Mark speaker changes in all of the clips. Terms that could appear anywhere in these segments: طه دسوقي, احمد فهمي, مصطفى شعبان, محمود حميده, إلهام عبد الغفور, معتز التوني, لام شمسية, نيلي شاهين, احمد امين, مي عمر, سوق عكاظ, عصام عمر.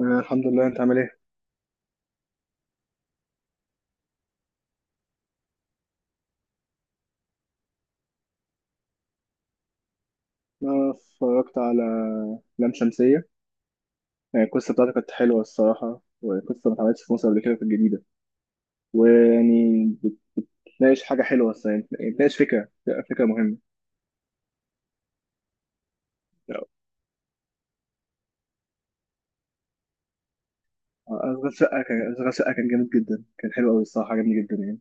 Speaker 1: آه، الحمد لله، انت عامل ايه؟ انا اتفرجت على لام شمسية. يعني القصة بتاعته كانت حلوة الصراحة، وقصة ما اتعملتش في مصر قبل كده، في الجديدة. ويعني بتناقش حاجة حلوة الصراحة، يعني بتناقش فكرة فكرة مهمة. آه، أشغال شقة كان، جامد جدا، كان حلو أوي الصراحة، عجبني جدا يعني.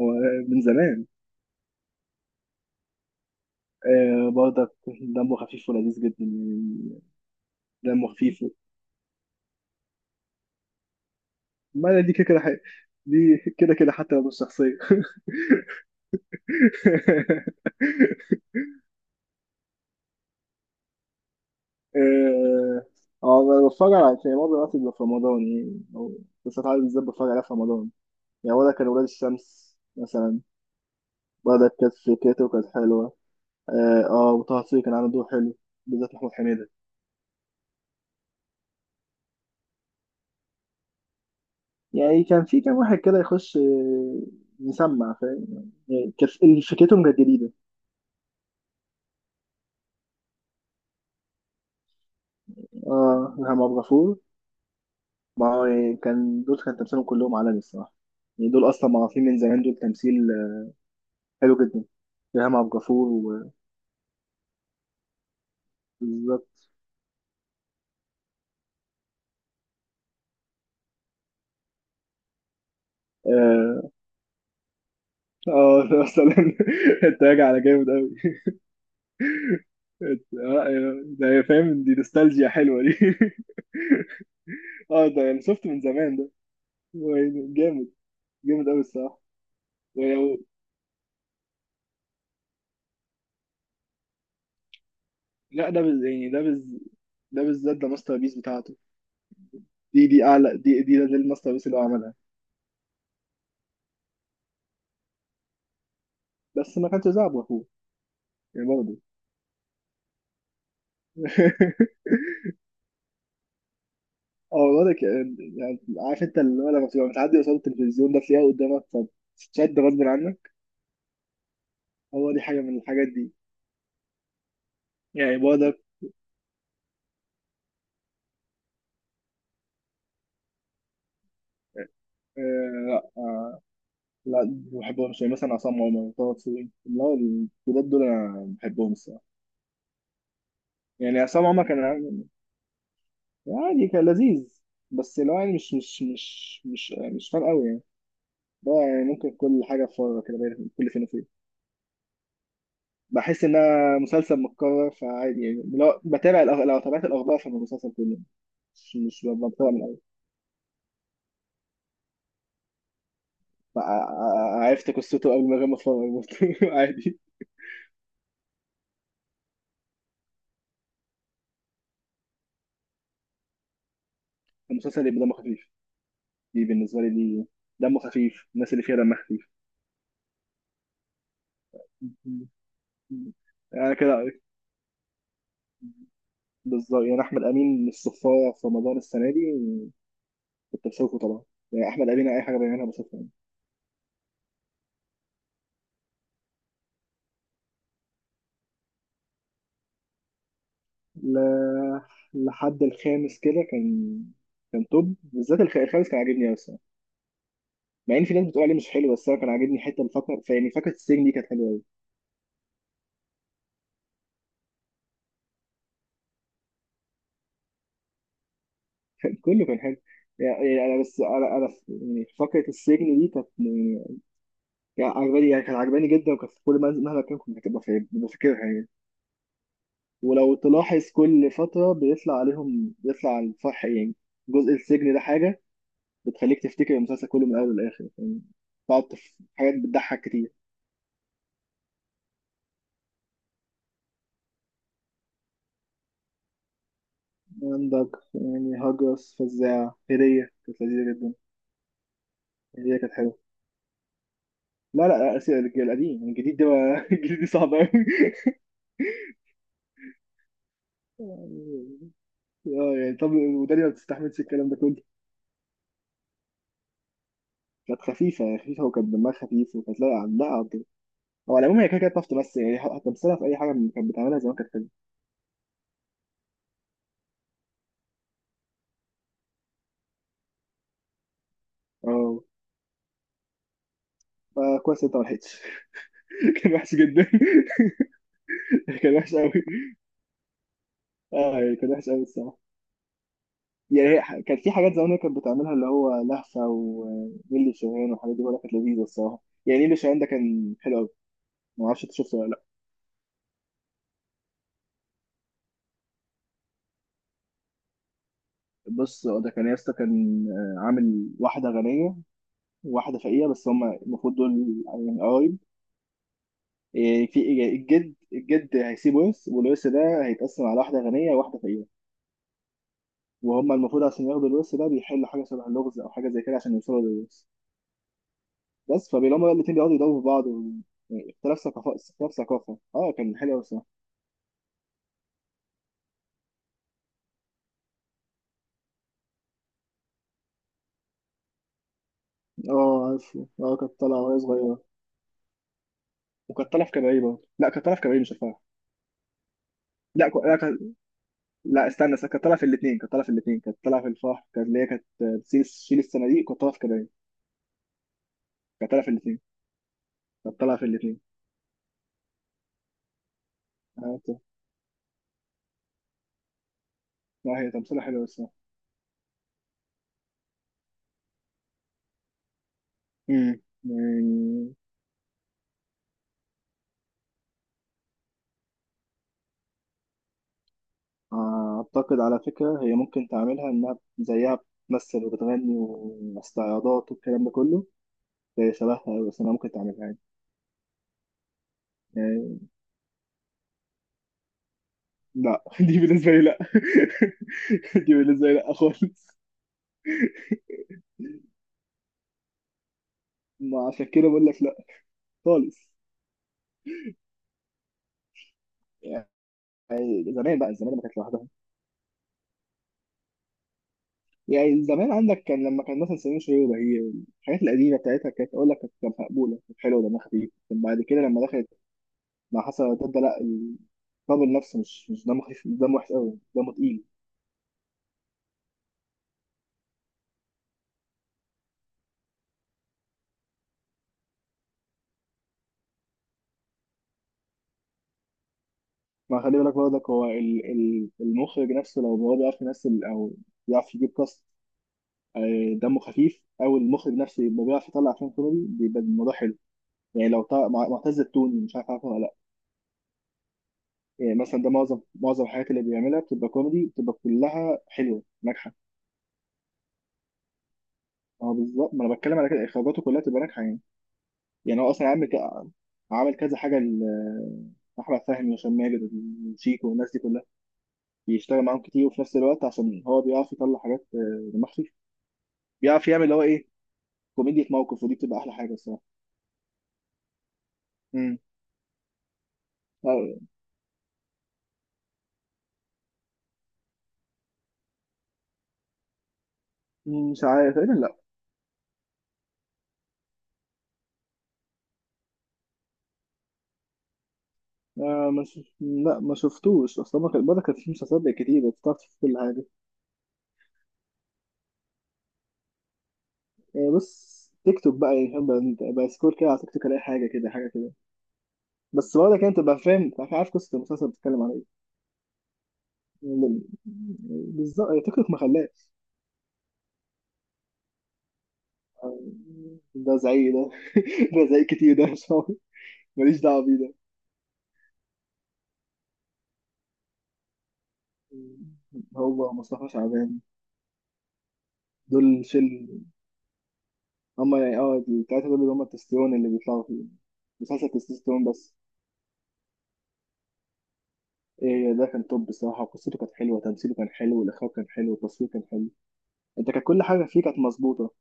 Speaker 1: هو من زمان. آه، برضك دمه خفيف ولذيذ جدا يعني. دمه خفيف. ما دي كده كده دي كده كده حتى لو مش شخصية. اه. آه، بتفرج على، يعني معظم الوقت بيبقى في رمضان يعني، او مسلسلات عربي بالذات بتفرج عليها في رمضان. يعني ولا كان ولاد الشمس مثلا، ولا كانت فكرته كانت حلوه. اه، آه، وطه دسوقي كان عامل دور حلو، بالذات محمود حميده. يعني كان في كام واحد كده يخش، آه، يسمع فاهم يعني، كانت فكرتهم كانت جديده. اه إلهام عبد الغفور. ما هو يعني كان دول، كان تمثيلهم كلهم عالمي الصراحه، يعني دول اصلا معروفين من زمان، دول تمثيل آه، حلو جدا. إلهام عبد الغفور و- بالظبط. آه، اه ده مثلا. انت راجع على جامد قوي. اه ده هي فاهم، دي نوستالجيا حلوه دي. اه ده يعني شفت من زمان ده، هو يعني جامد، جامد قوي الصراحه. ولو لا ده بز... يعني ده بز... ده بالذات، ده ماستر بيس بتاعته. دي اعلى دي دي ده الماستر بيس اللي هو عملها. بس ما كانش زعب اخوه يعني برضه. اه والله يعني عارف انت، اللي هو لما بتبقى متعدي قصاد التلفزيون ده، تلاقيها قدامك فبتتشد غصب عنك. هو دي حاجه من الحاجات دي. يعني برضه. لا ما بحبهمش، يعني مثلا عصام عمر، طه دسوقي، لا الجداد دول انا بحبهم الصراحه. يعني عصام عمر كان عادي، كان لذيذ، بس اللي هو يعني مش فارق قوي يعني. ده يعني ممكن كل حاجه في فتره كده كل فين وفين بحس انها مسلسل متكرر، فعادي يعني. لو لو تابعت الاخبار فاهم المسلسل كله، مش بتابع من الاول. عرفت قصته قبل ما، غير ما اتفرج برضه. عادي. المسلسل يبقى دمه خفيف، دي بالنسبه لي دي. دمه خفيف، الناس اللي فيها دمها خفيف يعني كده. بالظبط، يعني احمد امين الصفاره في رمضان السنه دي كنت بشوفه طبعا. يعني احمد امين اي حاجه بيعملها بشوفها يعني. ل... لحد الخامس كده كان، كان توب، بالذات الخامس كان عاجبني قوي الصراحه. مع ان في ناس بتقول عليه مش حلو، بس انا كان عاجبني حته الفقره، يعني فقره السجن دي كانت حلوه قوي. كله كان حلو. يعني انا بس يعني فقره السجن دي كانت يعني، يعني عجباني يعني، كانت عجباني جدا، وكانت في كل منزل مهما كان كنت ببقى فاكرها يعني. ولو تلاحظ كل فترة بيطلع عليهم، بيطلع على الفح يعني جزء السجن ده، حاجة بتخليك تفتكر المسلسل كله من الأول للآخر يعني. بتقعد في حاجات بتضحك كتير. عندك يعني هجرس، فزاع، هدية كانت لذيذة جدا. هدية كانت حلوة. لا لا لا، أسف، القديم يعني، الجديد ده بقى- الجديد ده صعب أوي يعني. اه يعني، طب ودانيا ما بتستحملش الكلام ده كله. كانت خفيفة خفيفة، وكانت دمها خفيف، وكانت لاقعة، لا عندها عبد. هو على العموم هي كده كده بتعرف تمثل يعني، هتمثلها في أي حاجة كانت بتعملها زمان كانت حلوة. اه فكويس انت ما لحقتش. كان وحش جدا. كان وحش قوي. اه يعني كان وحش قوي الصراحه. يعني هي كان في حاجات زمان هي كانت بتعملها، اللي هو لهفه ونيلي شاهين والحاجات دي، بقولها كانت لذيذه الصراحه. يعني نيلي شاهين ده كان حلو قوي، ما اعرفش انت شفته ولا لا. بص هو ده كان ياسطا، كان آه، عامل واحده غنيه وواحده فقيره، بس هما المفروض دول يعني قرايب. إيه، في إيه، الجد، الجد هيسيب ورث، والورث ده هيتقسم على واحده غنيه وواحده فقيره، وهم المفروض عشان ياخدوا الورث ده بيحلوا حاجه شبه اللغز، او حاجه زي كده عشان يوصلوا للورث. بس فبيلاقوا بقى الاتنين بيقعدوا يداووا في بعض و... يعني اختلاف ثقافة. اه كان حلو أوي الصراحة. اه عارفه، اه كانت طالعة وهي صغيرة، وكانت طالعة في كباريه برضه. لا، كانت طالعة في كباريه مش الفرح. لا ك... لا, كانت- لا استنى استنى، كانت طالعة في الاتنين، كانت طالعة في الفرح، كانت اللي هي كانت بتشيل، تشيل الصناديق، كانت طالعة في كباريه. كانت طالعة في الاتنين، كانت طالعة في الاتنين آه، لا هي تمثيلها حلو أوي الصراحة. يعني، أعتقد على فكرة هي ممكن تعملها إنها زيها، بتمثل وبتغني واستعراضات والكلام ده كله. هي شبهها أوي، بس أنا ممكن تعملها يعني. يعني لا، دي بالنسبة لي لا. دي بالنسبة لي لا خالص. ما عشان كده بقول لك لا خالص. يعني زمان بقى، زمان ما كانت لوحدها. يعني زمان عندك كان لما كان مثلا سمير وشهير وبهير، الحاجات القديمة بتاعتها، كانت أقول لك كانت مقبولة، كانت حلوة دمها خفيف. لكن بعد كده لما دخلت مع حسن وتبدأ، لا، الطابل نفسه مش دمه خفيف، دمه وحش قوي، دمه تقيل. ما خلي بالك برضك هو المخرج نفسه لو هو بيعرف يمثل أو بيعرف يجيب كاست آه، دمه خفيف، او المخرج نفسه يبقى بيعرف يطلع افلام كوميدي، بيبقى الموضوع حلو. يعني لو طلع معتز التوني، مش عارف عارفه ولا لا. يعني مثلا ده معظم الحاجات اللي بيعملها بتبقى كوميدي، بتبقى كلها حلوه ناجحه. اه بالظبط، ما انا بتكلم على كده، اخراجاته كلها بتبقى ناجحه يعني. يعني هو اصلا عامل كذا حاجه احمد فهمي وهشام ماجد وشيكو والناس دي كلها، بيشتغل معاهم كتير، وفي نفس الوقت عشان هو بيعرف يطلع حاجات آه، دماغ خفيف، بيعرف يعمل اللي هو ايه، كوميديا موقف، ودي بتبقى احلى حاجه الصراحه. امم. آه، مش عارف تقريبا، لا. آه ما شف... لا ما شفتوش، اصل ما كانت في مسلسلات بقت كتير، بتعرف تشوف كل حاجه. آه بس تيك توك بقى يعني فاهم، بقى سكور كده على تيك توك، الاقي حاجه كده، حاجه كده، بس برضه كده تبقى فاهم، تبقى عارف قصه المسلسل بتتكلم على ايه. م- بالظبط، تيك توك ما خلاش. آه، ده زعيق ده. ده زعيق كتير ده مش عارف. ماليش دعوه بيه ده. هو مصطفى شعبان، دول شل، هم يعني، اه التلاته دول اللي هم التستيرون اللي بيطلعوا فيه، مسلسل تستوستيرون بس. إيه، ده كان توب بصراحة، وقصته كانت حلوة، تمثيله كان حلو، الإخراج كان حلو، التصوير كان حلو، أنت كان كل حاجة فيه كانت مظبوطة.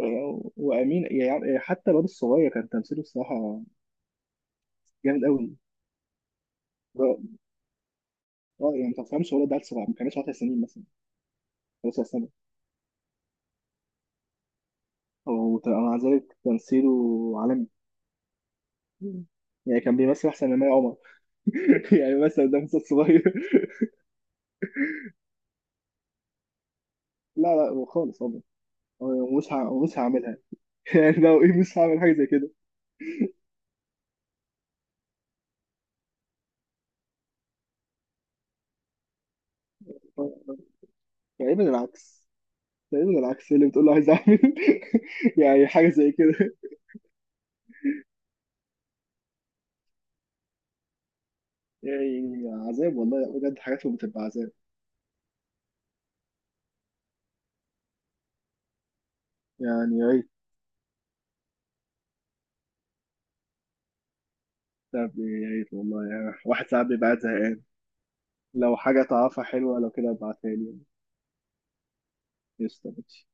Speaker 1: إيه، وأمين يعني، إيه، حتى الواد الصغير كان تمثيله بصراحة جامد أوي. اه آه، يعني ما تفهمش هو ده عيل صغير، ما كانش 10 سنين مثلا، 11 سنة، أو مع ذلك تمثيله عالمي. يعني كان بيمثل أحسن من مي عمر. يعني مثلا ده مثل صغير. لا لا، هو خالص والله، هو مش هعملها. يعني لو إيه، مش هعمل حاجة زي كده. آه، تقريبا العكس، اللي بتقول له عايز اعمل. يعني حاجه زي كده. يعني عذاب والله بجد، حاجاتهم بتبقى عذاب. يعني يا ريت. طب يا ريت والله، يعني واحد ساعات بيبقى قاعد زهقان، لو حاجه تعرفها حلوه لو كده ابعتها لي. قشطه.